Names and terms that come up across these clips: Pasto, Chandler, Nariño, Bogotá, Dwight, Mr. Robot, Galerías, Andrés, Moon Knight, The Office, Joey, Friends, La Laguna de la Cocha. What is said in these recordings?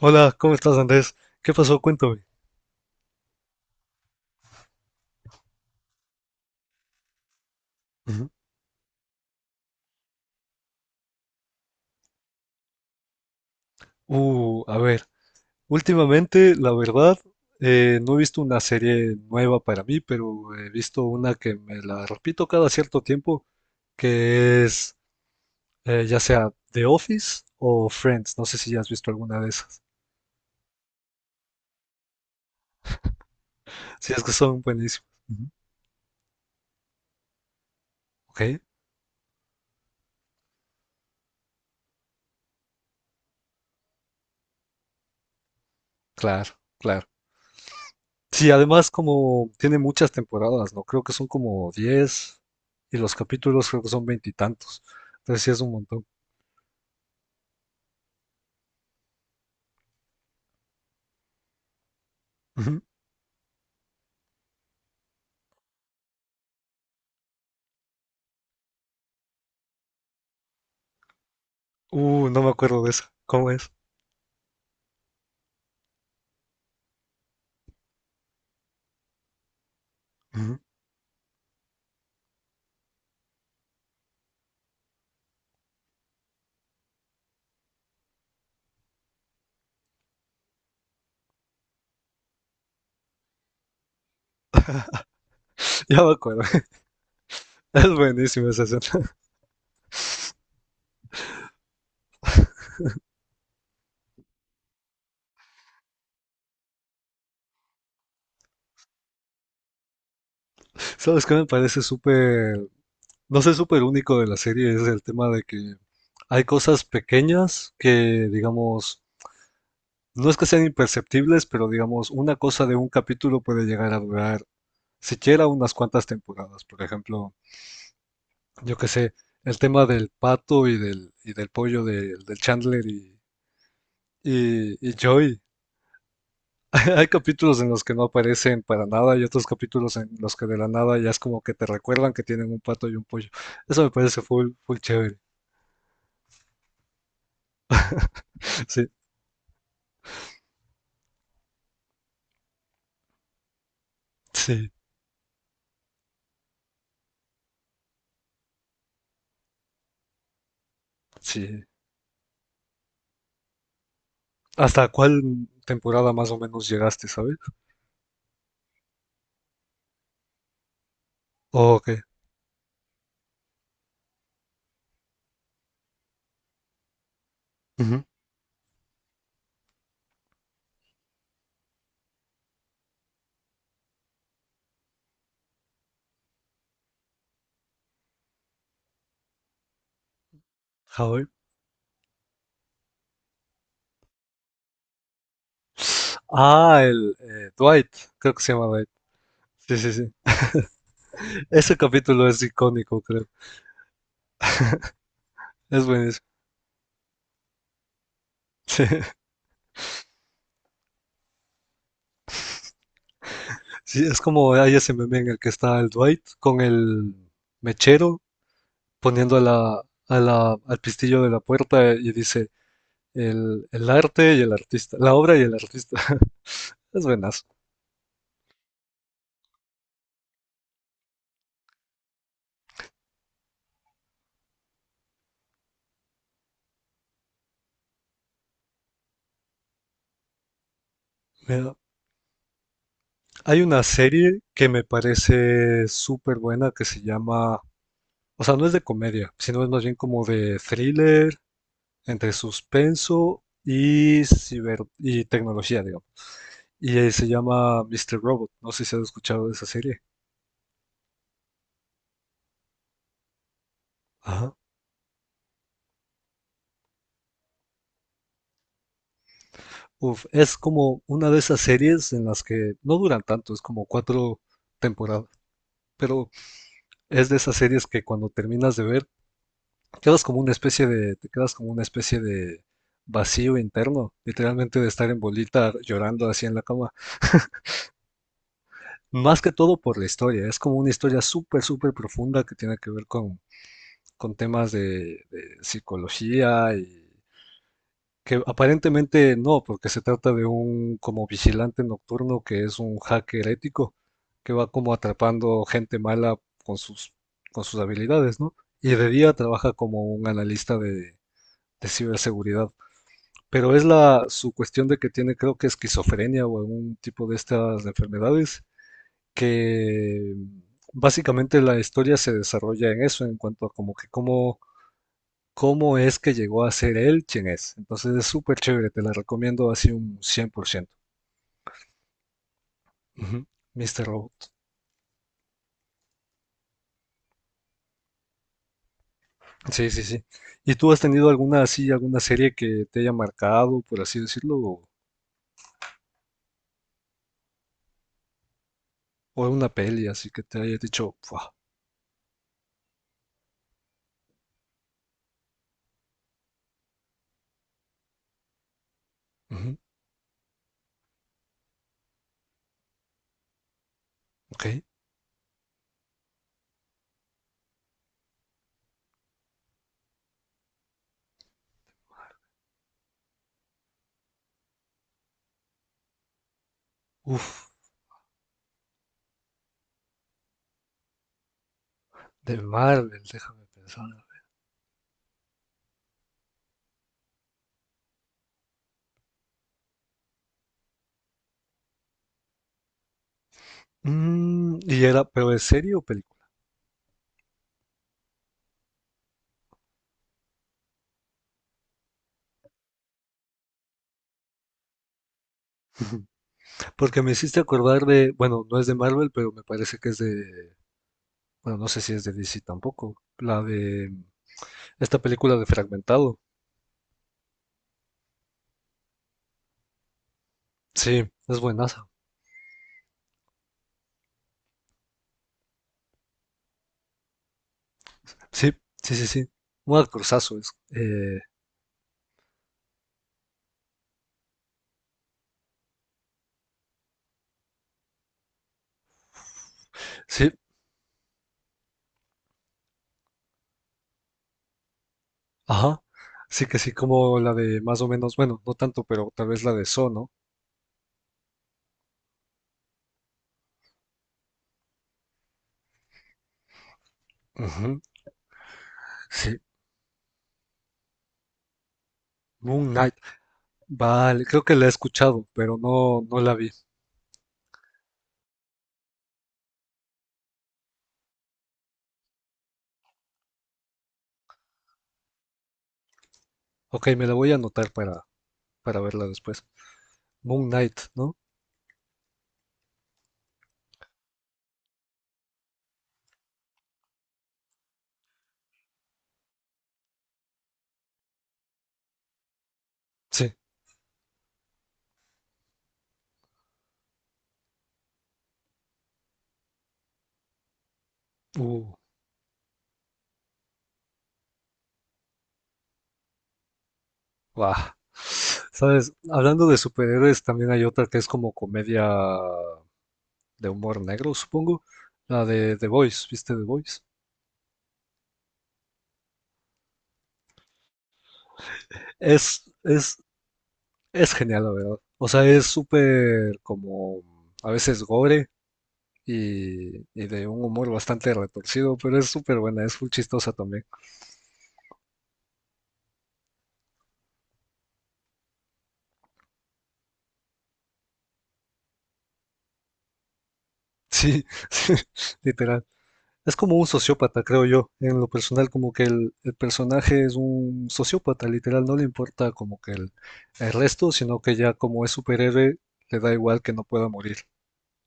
Hola, ¿cómo estás, Andrés? ¿Qué pasó? Cuéntame. Ujú. Uh, a ver, últimamente, la verdad, no he visto una serie nueva para mí, pero he visto una que me la repito cada cierto tiempo, que es ya sea The Office o Friends. No sé si ya has visto alguna de esas. Sí, es que son buenísimas. Ujú. Ok, claro, claro. Sí, además como tiene muchas temporadas, ¿no? Creo que son como 10 y los capítulos creo que son veintitantos. Entonces sí es un montón. No me acuerdo de eso. ¿Cómo es? Ujú. Ya me acuerdo. Es buenísima esa escena. ¿Sabes qué me parece súper, no sé, súper único de la serie? Es el tema de que hay cosas pequeñas que, digamos, no es que sean imperceptibles, pero digamos, una cosa de un capítulo puede llegar a durar siquiera unas cuantas temporadas. Por ejemplo, yo qué sé, el tema del pato y del pollo del Chandler y Joey. Hay capítulos en los que no aparecen para nada y otros capítulos en los que de la nada ya es como que te recuerdan que tienen un pato y un pollo. Eso me parece full, full chévere. Sí, sí, sí. ¿Hasta cuál temporada más o menos llegaste, sabes? ¿O qué? Ujú. Howard. Ah, el Dwight, creo que se llama Dwight. Sí, sí, sí. Ese capítulo es icónico, creo. Es buenísimo. Sí, sí, es como hay ese meme en el que está el Dwight con el mechero poniendo a la, al pistillo de la puerta y dice el arte y el artista, la obra y el artista. Es buenazo. Mira, hay una serie que me parece súper buena que se llama, o sea, no es de comedia, sino es más bien como de thriller, entre suspenso y ciber y tecnología, digamos. Se llama Mr. Robot. No sé si has escuchado de esa serie. Ajá. Uf, es como una de esas series en las que no duran tanto, es como cuatro temporadas, pero es de esas series que cuando terminas de ver, quedas como una especie de, te quedas como una especie de vacío interno, literalmente de estar en bolita llorando así en la cama. Más que todo por la historia, es como una historia súper, súper profunda que tiene que ver con temas de psicología. Y que aparentemente no, porque se trata de un como vigilante nocturno que es un hacker ético que va como atrapando gente mala con sus, con sus habilidades, ¿no? Y de día trabaja como un analista de ciberseguridad. Pero es la su cuestión de que tiene, creo que esquizofrenia o algún tipo de estas enfermedades, que básicamente la historia se desarrolla en eso, en cuanto a como que cómo es que llegó a ser él quien es. Entonces es súper chévere, te la recomiendo así un 100%. Ujú, Mr. Robot. Sí, sí, sí. ¿Y tú has tenido alguna así, alguna serie que te haya marcado, por así decirlo, o una peli así que te haya dicho, "Fua, ujú, ok, uff, de Marvel, déjame pensar. Mm, y era, pero ¿es serie o película? Ujú. Porque me hiciste acordar de, bueno, no es de Marvel, pero me parece que es de, bueno, no sé si es de DC tampoco, la de esta película de Fragmentado, sí, es buenaza. Sí, sí, sí, sí. Un actorzazo es. Sí, ajá. Sí que sí, como la de más o menos, bueno, no tanto, pero tal vez la de So, ¿no? Ujú, sí, Moon Knight. Vale, creo que la he escuchado, pero no, no la vi. Ok, me la voy a anotar para verla después. Moon Knight, ¿no? Sí. Uh, guau. Sabes, hablando de superhéroes, también hay otra que es como comedia de humor negro, supongo. La de The Voice, ¿viste The Voice? Es, es, es genial, la verdad. O sea, es súper como a veces gore y de un humor bastante retorcido, pero es súper buena, es muy chistosa también. Sí, sí, literal. Es como un sociópata, creo yo, en lo personal, como que el personaje es un sociópata, literal, no le importa como que el resto, sino que ya como es superhéroe, le da igual que no pueda morir,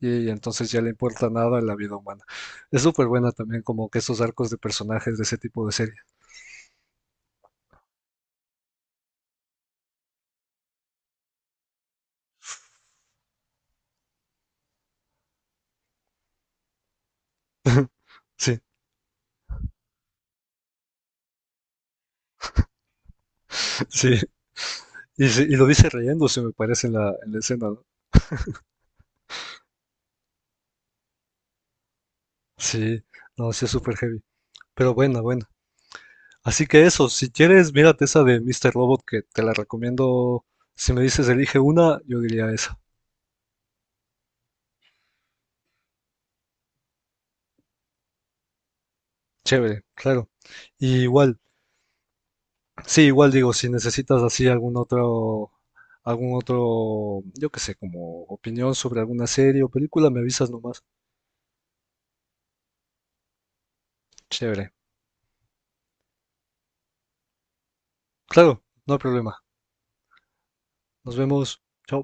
y entonces ya le importa nada la vida humana. Es súper buena también como que esos arcos de personajes de ese tipo de serie. Sí, sí. Y, sí, y lo dice riéndose, me parece, en la escena, ¿no? Sí, no, sí es súper heavy. Pero buena, buena. Así que eso, si quieres, mírate esa de Mr. Robot que te la recomiendo. Si me dices elige una, yo diría esa. Chévere, claro. Y igual, sí, igual digo, si necesitas así algún otro, yo qué sé, como opinión sobre alguna serie o película, me avisas nomás. Chévere. Claro, no hay problema. Nos vemos. Chao.